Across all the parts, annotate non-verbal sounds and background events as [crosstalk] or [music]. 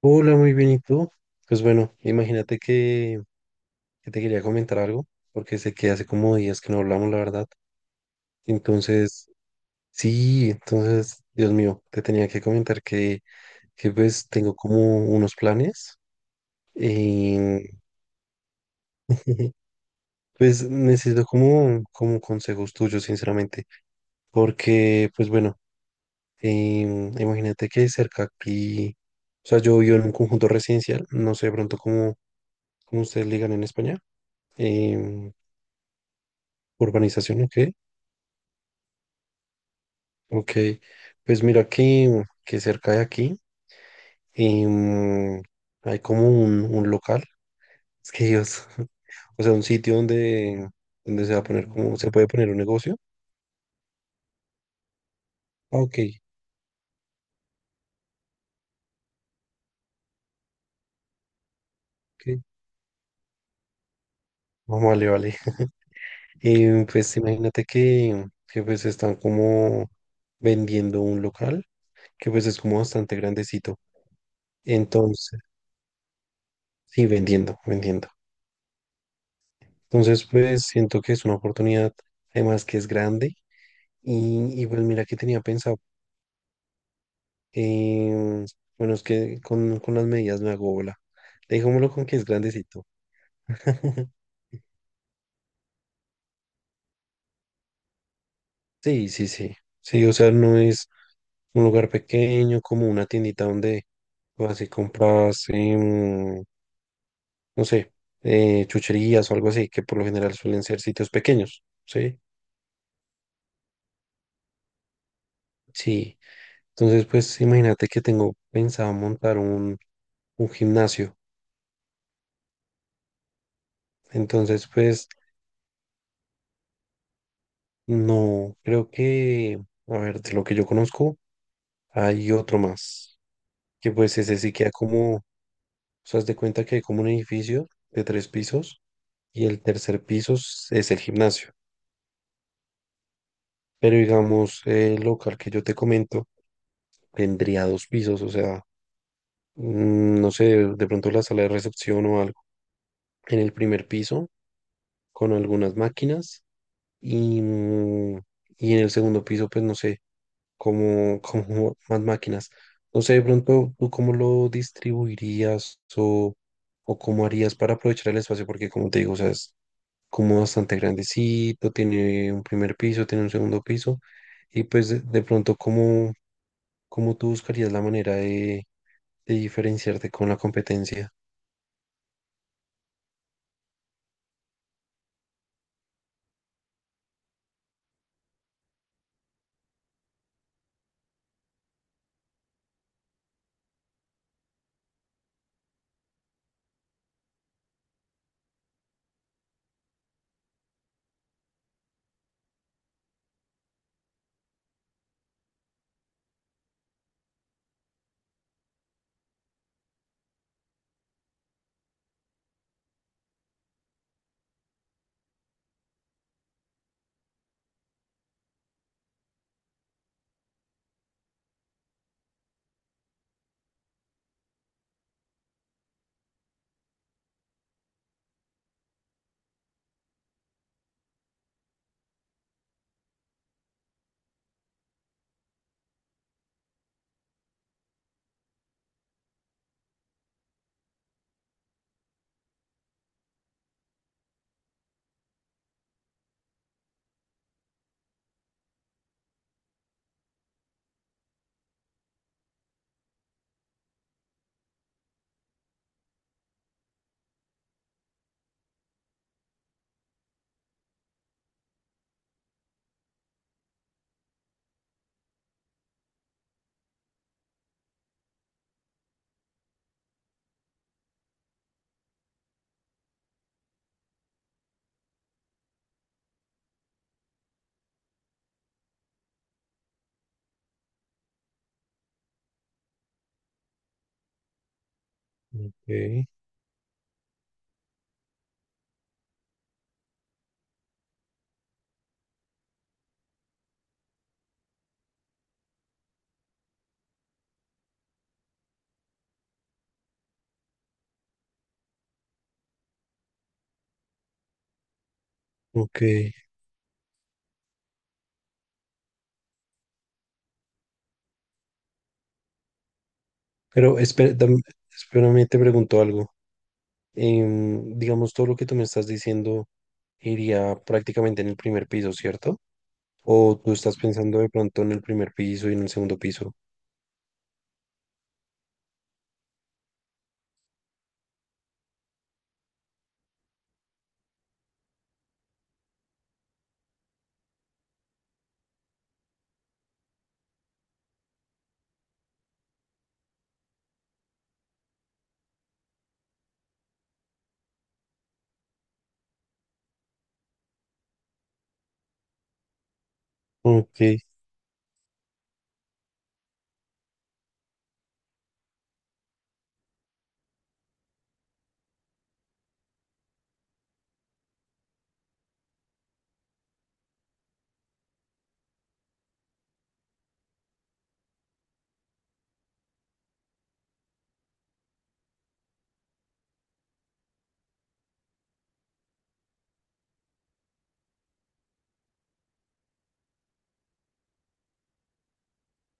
Hola, muy bien, ¿y tú? Pues bueno, imagínate que te quería comentar algo, porque sé que hace como días que no hablamos, la verdad. Entonces, sí, entonces, Dios mío, te tenía que comentar que pues tengo como unos planes y [laughs] pues necesito como consejos tuyos, sinceramente, porque pues bueno, imagínate que cerca aquí, o sea, yo vivo en un conjunto residencial, no sé de pronto cómo ustedes ligan en España. em, Urbanización, ok, ok. Pues mira que cerca de aquí em, hay como un local, es que Dios, [laughs] o sea, un sitio donde, donde se va a poner como, se puede poner un negocio. Ah, ok, ok. Ah, vale, vale. [laughs] Pues imagínate que pues están como vendiendo un local que pues es como bastante grandecito. Entonces, sí, vendiendo, vendiendo. Entonces, pues siento que es una oportunidad, además que es grande. Y pues mira que tenía pensado, em, bueno, es que con las medidas me hago bola. Dejémoslo con que es grandecito. [laughs] Sí, sí, sí. Sí, o sea, no es un lugar pequeño como una tiendita donde vas y compras, no sé, chucherías o algo así, que por lo general suelen ser sitios pequeños, ¿sí? Sí. Entonces, pues imagínate que tengo pensado montar un gimnasio. Entonces, pues... No, creo que, a ver, de lo que yo conozco, hay otro más, que pues ese sí queda como, o sea, haz de cuenta que hay como un edificio de tres pisos y el tercer piso es el gimnasio. Pero digamos, el local que yo te comento tendría dos pisos, o sea, no sé, de pronto la sala de recepción o algo. En el primer piso, con algunas máquinas y, mm, y en el segundo piso, pues no sé. Como más máquinas. No sé, de pronto, ¿tú cómo lo distribuirías o cómo harías para aprovechar el espacio? Porque como te digo, o sea, es como bastante grandecito, tiene un primer piso, tiene un segundo piso, y pues de pronto, ¿cómo tú buscarías la manera de diferenciarte con la competencia? Ok, ok. Pero espera, espérame, te pregunto algo. Digamos, todo lo que tú me estás diciendo iría prácticamente en el primer piso, ¿cierto? O tú estás pensando de pronto en el primer piso y en el segundo piso. Ok, sí,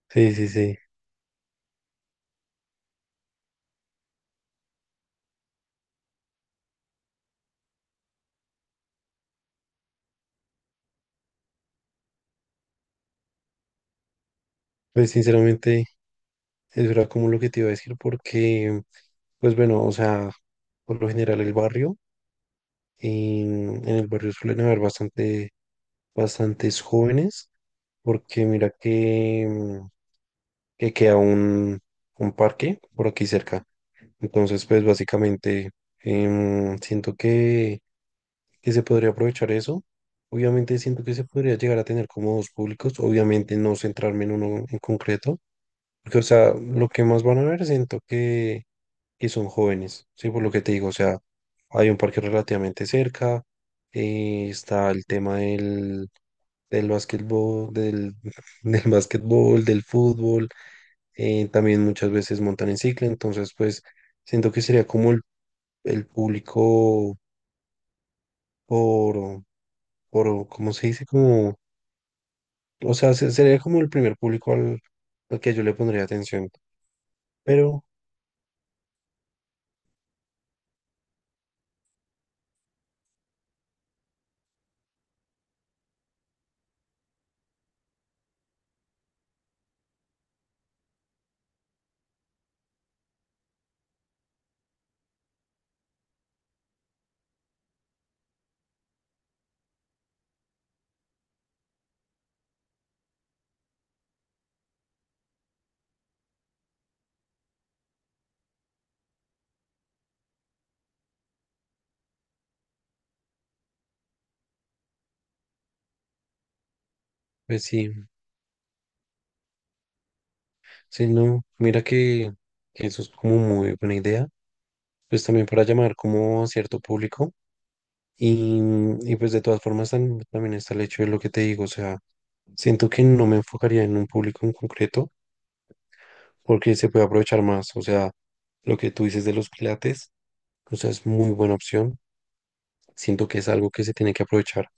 sí, sí. Pues sinceramente, eso era como lo que te iba a decir porque, pues bueno, o sea, por lo general el barrio, en el barrio suelen haber bastantes jóvenes porque mira que queda un parque por aquí cerca. Entonces, pues básicamente, siento que se podría aprovechar eso. Obviamente siento que se podría llegar a tener como dos públicos, obviamente no centrarme en uno en concreto, porque o sea, lo que más van a ver siento que son jóvenes, ¿sí? Por lo que te digo, o sea, hay un parque relativamente cerca, está el tema del básquetbol, [laughs] del básquetbol, del fútbol, también muchas veces montan en cicla, entonces pues siento que sería como el público por, por, ¿cómo se dice? Como, o sea, sería como el primer público al que yo le pondría atención. Pero, pues sí, sí, no, mira que eso es como muy buena idea. Pues también para llamar como a cierto público. Y, y pues de todas formas también está el hecho de lo que te digo. O sea, siento que no me enfocaría en un público en concreto porque se puede aprovechar más. O sea, lo que tú dices de los pilates, o sea, es muy buena opción. Siento que es algo que se tiene que aprovechar.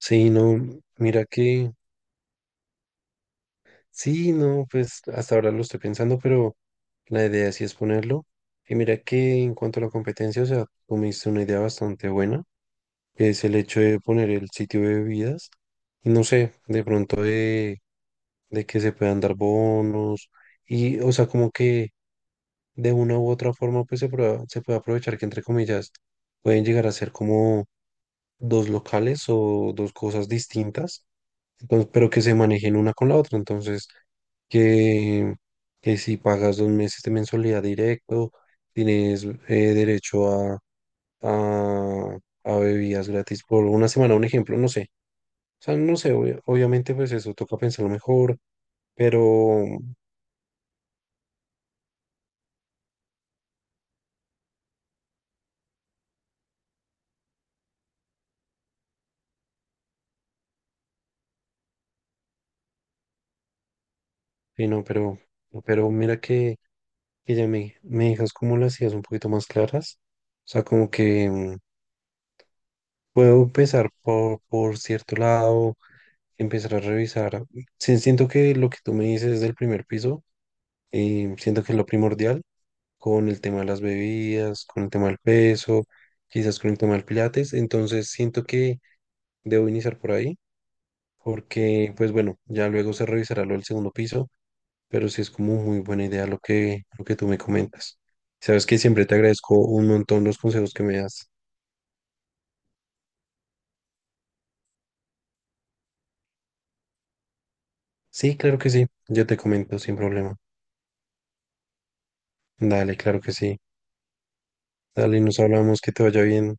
Sí, no, mira que, sí, no, pues hasta ahora lo estoy pensando, pero la idea sí es ponerlo. Y mira que en cuanto a la competencia, o sea, tú me diste una idea bastante buena, que es el hecho de poner el sitio de bebidas, y no sé, de pronto de que se puedan dar bonos, y o sea, como que de una u otra forma, pues se puede aprovechar que entre comillas pueden llegar a ser como dos locales o dos cosas distintas, entonces, pero que se manejen una con la otra. Entonces, que, que si pagas 2 meses de mensualidad directo, tienes derecho a, a bebidas gratis por una semana, un ejemplo, no sé. O sea, no sé, obviamente pues eso toca pensarlo mejor, pero, sí, no, pero mira que ya me dejas como las ideas un poquito más claras. O sea, como que... Puedo empezar por cierto lado, empezar a revisar. Sí, siento que lo que tú me dices del primer piso, siento que es lo primordial con el tema de las bebidas, con el tema del peso, quizás con el tema del pilates. Entonces siento que debo iniciar por ahí, porque pues bueno, ya luego se revisará lo del segundo piso, pero sí es como muy buena idea lo que, tú me comentas. Sabes que siempre te agradezco un montón los consejos que me das. Sí, claro que sí, yo te comento sin problema. Dale, claro que sí. Dale, nos hablamos, que te vaya bien.